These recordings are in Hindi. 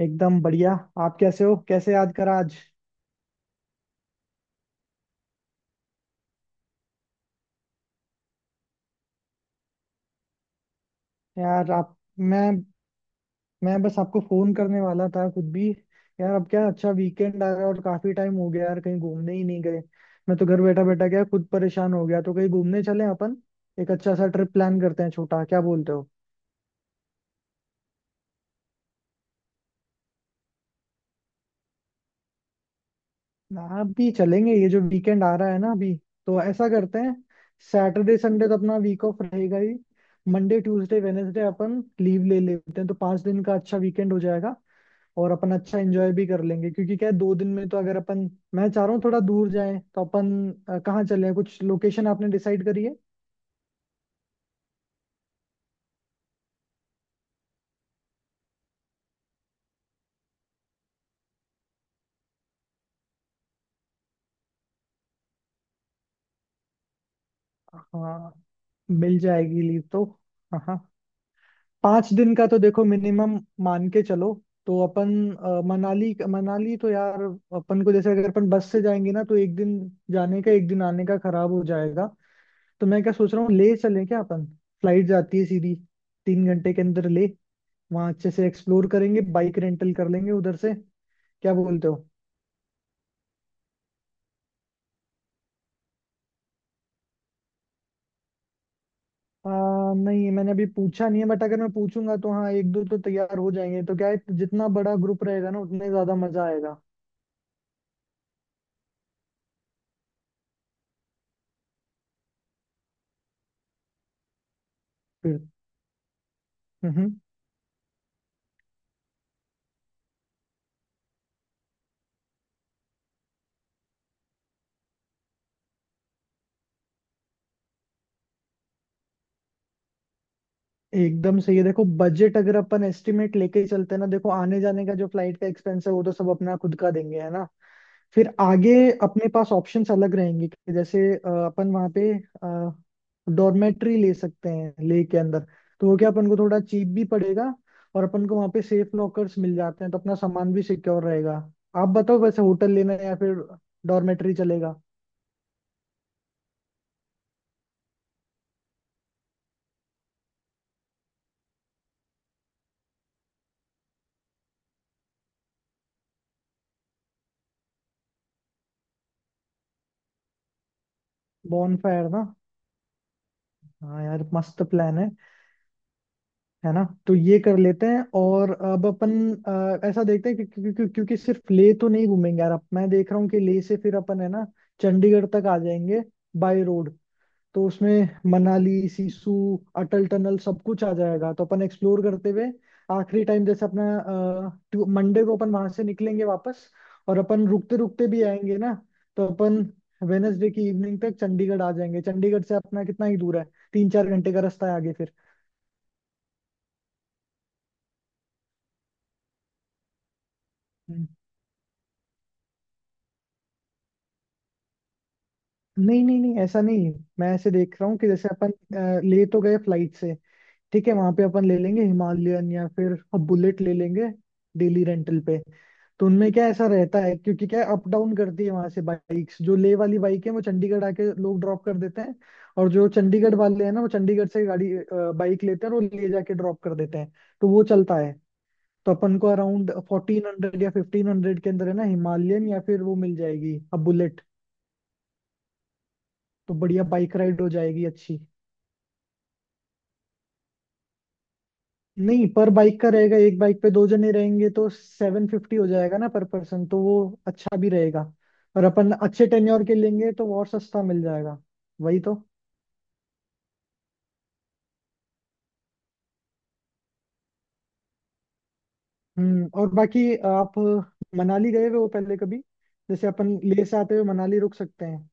एकदम बढ़िया। आप कैसे हो, कैसे याद करा आज? यार आप, मैं मैं बस आपको फोन करने वाला था खुद भी। यार अब क्या अच्छा वीकेंड आ रहा है और काफी टाइम हो गया यार, कहीं घूमने ही नहीं गए। मैं तो घर बैठा बैठा क्या खुद परेशान हो गया, तो कहीं घूमने चले अपन। एक अच्छा सा ट्रिप प्लान करते हैं छोटा, क्या बोलते हो? आप भी चलेंगे? ये जो वीकेंड आ रहा है ना अभी, तो ऐसा करते हैं, सैटरडे संडे तो अपना वीक ऑफ रहेगा ही। मंडे ट्यूसडे वेनेसडे अपन लीव ले लेते हैं, तो 5 दिन का अच्छा वीकेंड हो जाएगा। और अपन अच्छा एंजॉय भी कर लेंगे, क्योंकि क्या है, दो दिन में तो अगर अपन, मैं चाह रहा हूँ थोड़ा दूर जाएं तो अपन कहाँ चले, कुछ लोकेशन आपने डिसाइड करी है? हाँ मिल जाएगी लीव तो, हाँ हाँ। 5 दिन का तो देखो मिनिमम मान के चलो। तो अपन मनाली, मनाली तो यार अपन को जैसे अगर अपन बस से जाएंगे ना, तो एक दिन जाने का एक दिन आने का खराब हो जाएगा। तो मैं क्या सोच रहा हूँ, ले चलें क्या अपन? फ्लाइट जाती है सीधी, 3 घंटे के अंदर ले। वहां अच्छे से एक्सप्लोर करेंगे, बाइक रेंटल कर लेंगे उधर से। क्या बोलते हो? आ, नहीं मैंने अभी पूछा नहीं है, बट अगर मैं पूछूंगा तो हाँ एक दो तो तैयार हो जाएंगे। तो क्या है जितना बड़ा ग्रुप रहेगा ना, उतने ज्यादा मजा आएगा। फिर हम्म। एकदम सही है। देखो बजट अगर अपन एस्टिमेट लेके ही चलते हैं ना, देखो आने जाने का जो फ्लाइट का एक्सपेंस है, वो तो सब अपना खुद का देंगे, है ना। फिर आगे अपने पास ऑप्शंस अलग रहेंगे कि जैसे अपन वहाँ पे डॉर्मेट्री ले सकते हैं, ले के अंदर तो वो क्या अपन को थोड़ा चीप भी पड़ेगा। और अपन को वहाँ पे सेफ लॉकर्स मिल जाते हैं, तो अपना सामान भी सिक्योर रहेगा। आप बताओ, वैसे होटल लेना है या फिर डॉर्मेट्री चलेगा? बॉन फायर ना। हाँ यार, मस्त प्लान है ना? तो ये कर लेते हैं। और अब अपन ऐसा देखते हैं कि, क्योंकि क्योंकि क्योंकि सिर्फ लेह तो नहीं घूमेंगे यार। अब मैं देख रहा हूँ कि लेह से फिर अपन, है ना, चंडीगढ़ तक आ जाएंगे बाय रोड। तो उसमें मनाली, सिसु, अटल टनल सब कुछ आ जाएगा। तो अपन एक्सप्लोर करते हुए आखिरी टाइम जैसे अपना मंडे को अपन वहां से निकलेंगे वापस। और अपन रुकते रुकते भी आएंगे ना, तो अपन वेनसडे की इवनिंग तक चंडीगढ़ आ जाएंगे। चंडीगढ़ से अपना कितना ही दूर है, तीन चार घंटे का रास्ता है आगे फिर। हम्म। नहीं नहीं नहीं, ऐसा नहीं। मैं ऐसे देख रहा हूँ कि जैसे अपन ले तो गए फ्लाइट से, ठीक है। वहां पे अपन ले लेंगे हिमालयन, या फिर बुलेट ले लेंगे, डेली रेंटल पे। तो उनमें क्या ऐसा रहता है क्योंकि क्या अप डाउन करती है वहां से बाइक्स, जो ले वाली बाइक है वो चंडीगढ़ आके लोग ड्रॉप कर देते हैं। और जो चंडीगढ़ वाले हैं ना, वो चंडीगढ़ से गाड़ी, बाइक लेते हैं, और वो ले जाके ड्रॉप कर देते हैं। तो वो चलता है। तो अपन को अराउंड 1400 या 1500 के अंदर, है ना, हिमालयन या फिर वो मिल जाएगी अब बुलेट। तो बढ़िया बाइक राइड हो जाएगी अच्छी। नहीं, पर बाइक का रहेगा, एक बाइक पे दो जने रहेंगे, तो 750 हो जाएगा ना पर पर्सन, तो वो अच्छा भी रहेगा। और अपन अच्छे टेन्योर के लेंगे तो वो और सस्ता मिल जाएगा। वही तो। हम्म, और बाकी आप मनाली गए हुए हो पहले कभी? जैसे अपन लेह से आते हुए मनाली रुक सकते हैं।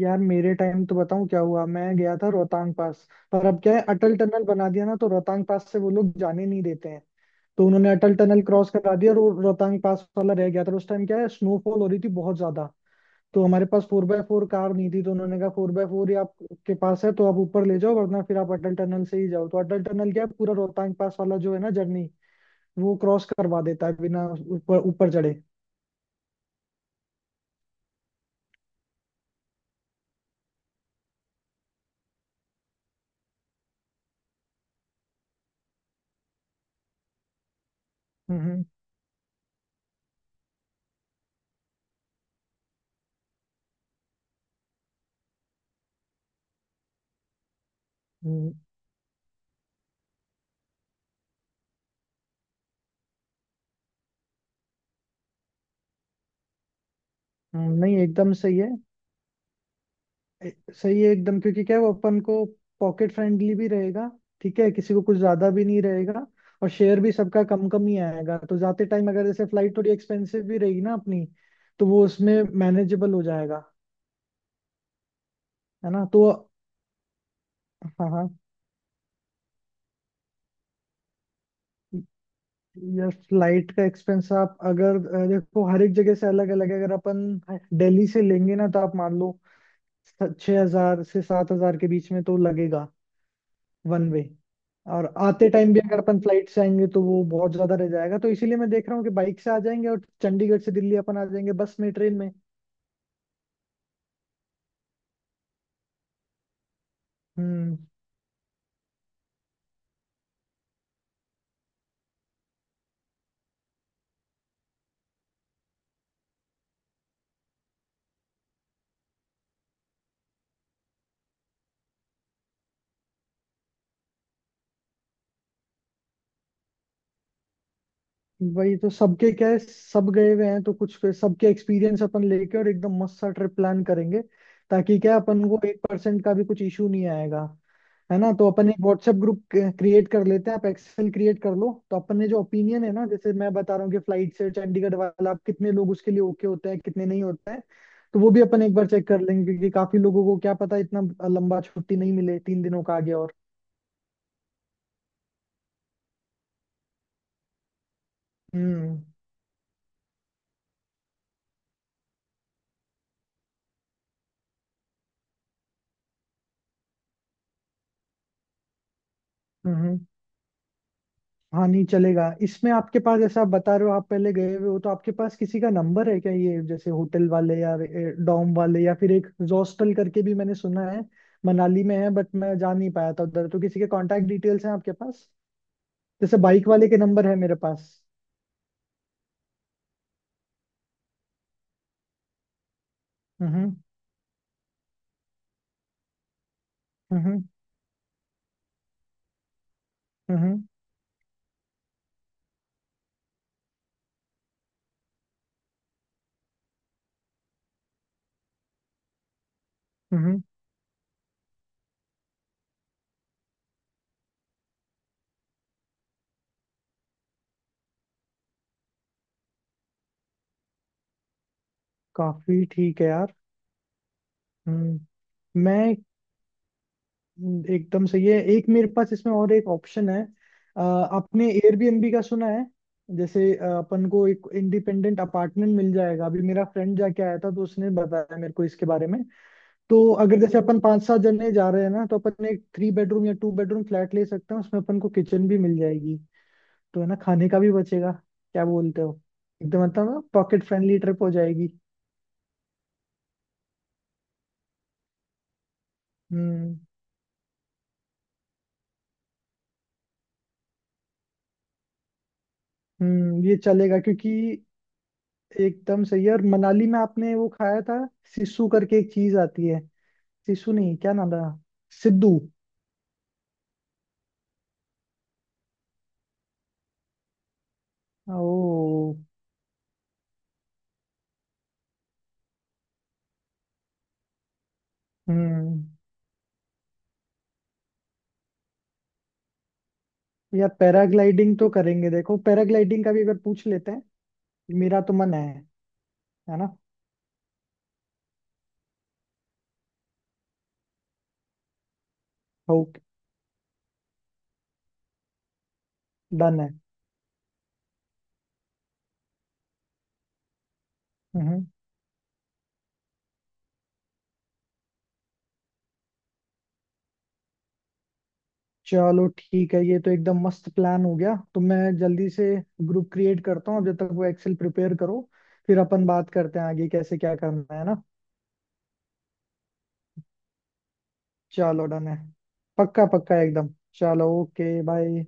यार मेरे टाइम तो बताऊं क्या हुआ, मैं गया था रोहतांग पास पर। अब क्या है अटल टनल बना दिया ना, तो रोहतांग पास से वो लोग जाने नहीं देते हैं। तो उन्होंने अटल टनल क्रॉस करा दिया, और वो रोहतांग पास वाला रह गया था। और उस टाइम क्या है, स्नोफॉल हो रही थी बहुत ज्यादा। तो हमारे पास फोर बाय फोर कार नहीं थी, तो उन्होंने कहा फोर बाय फोर ही आपके पास है तो आप ऊपर ले जाओ, वरना फिर आप अटल टनल से ही जाओ। तो अटल टनल क्या है, पूरा रोहतांग पास वाला जो है ना जर्नी, वो क्रॉस करवा देता है बिना ऊपर ऊपर चढ़े। हम्म, हम्म, हम्म, नहीं एकदम सही है। सही है एकदम। क्योंकि क्या है वो अपन को पॉकेट फ्रेंडली भी रहेगा, ठीक है। किसी को कुछ ज्यादा भी नहीं रहेगा। और शेयर भी सबका कम कम ही आएगा। तो जाते टाइम अगर जैसे फ्लाइट थोड़ी एक्सपेंसिव भी रहेगी ना अपनी, तो वो उसमें मैनेजेबल हो जाएगा, है ना तो। हाँ हाँ, या फ्लाइट का एक्सपेंस आप अगर देखो हर एक जगह से अलग अलग है। अगर अपन दिल्ली से लेंगे ना, तो आप मान लो 6,000 से 7,000 के बीच में तो लगेगा, वन वे। और आते टाइम भी अगर अपन फ्लाइट से आएंगे तो वो बहुत ज्यादा रह जाएगा। तो इसीलिए मैं देख रहा हूँ कि बाइक से आ जाएंगे, और चंडीगढ़ से दिल्ली अपन आ जाएंगे बस में, ट्रेन में। हम्म, वही तो। सबके क्या है, सब गए हुए हैं तो कुछ फिर सबके एक्सपीरियंस अपन लेके और एकदम मस्त सा ट्रिप प्लान करेंगे। ताकि क्या है, अपन को 1% का भी कुछ इशू नहीं आएगा, है ना। तो अपन एक व्हाट्सएप ग्रुप क्रिएट कर लेते हैं, आप एक्सेल क्रिएट कर लो। तो अपन ने जो ओपिनियन है ना, जैसे मैं बता रहा हूँ कि फ्लाइट से चंडीगढ़ वाला आप कितने लोग उसके लिए ओके होते हैं, कितने नहीं होते हैं, तो वो भी अपन एक बार चेक कर लेंगे। क्योंकि काफी लोगों को क्या पता, इतना लंबा छुट्टी नहीं मिले 3 दिनों का आगे और। हम्म, हम्म। हम्म। हाँ नहीं चलेगा इसमें, आपके पास जैसे आप बता रहे हो आप पहले गए हुए हो, तो आपके पास किसी का नंबर है क्या, ये जैसे होटल वाले या डॉम वाले, या फिर एक हॉस्टल करके भी मैंने सुना है मनाली में है, बट मैं जा नहीं पाया था उधर। तो किसी के कांटेक्ट डिटेल्स हैं आपके पास? जैसे बाइक वाले के नंबर है मेरे पास। हम्म, हम्म, हम्म, हम्म, हम्म, काफी ठीक है यार। हम्म। मैं, एकदम सही है, एक मेरे पास इसमें और एक ऑप्शन है, आपने एयरबीएनबी का सुना है? जैसे अपन को एक इंडिपेंडेंट अपार्टमेंट मिल जाएगा। अभी मेरा फ्रेंड जाके आया था, तो उसने बताया मेरे को इसके बारे में। तो अगर जैसे अपन पांच सात जने जा रहे हैं ना, तो अपन एक 3 बेडरूम या 2 बेडरूम फ्लैट ले सकते हैं। उसमें अपन को किचन भी मिल जाएगी, तो है ना खाने का भी बचेगा। क्या बोलते हो? एकदम, मतलब पॉकेट फ्रेंडली ट्रिप हो जाएगी। हम्म, हम्म, ये चलेगा क्योंकि एकदम सही है। और मनाली में आपने वो खाया था, सिसु करके एक चीज आती है। सिसु नहीं, क्या नाम था, सिद्धू। ओ, हम्म। यार पैराग्लाइडिंग तो करेंगे, देखो पैराग्लाइडिंग का भी अगर पूछ लेते हैं। मेरा तो मन है ना। ओके, डन है। हम्म। चलो ठीक है, ये तो एकदम मस्त प्लान हो गया। तो मैं जल्दी से ग्रुप क्रिएट करता हूँ, जब तक वो एक्सेल प्रिपेयर करो। फिर अपन बात करते हैं आगे कैसे क्या करना है ना। चलो डन है, पक्का पक्का एकदम। चलो ओके, बाय।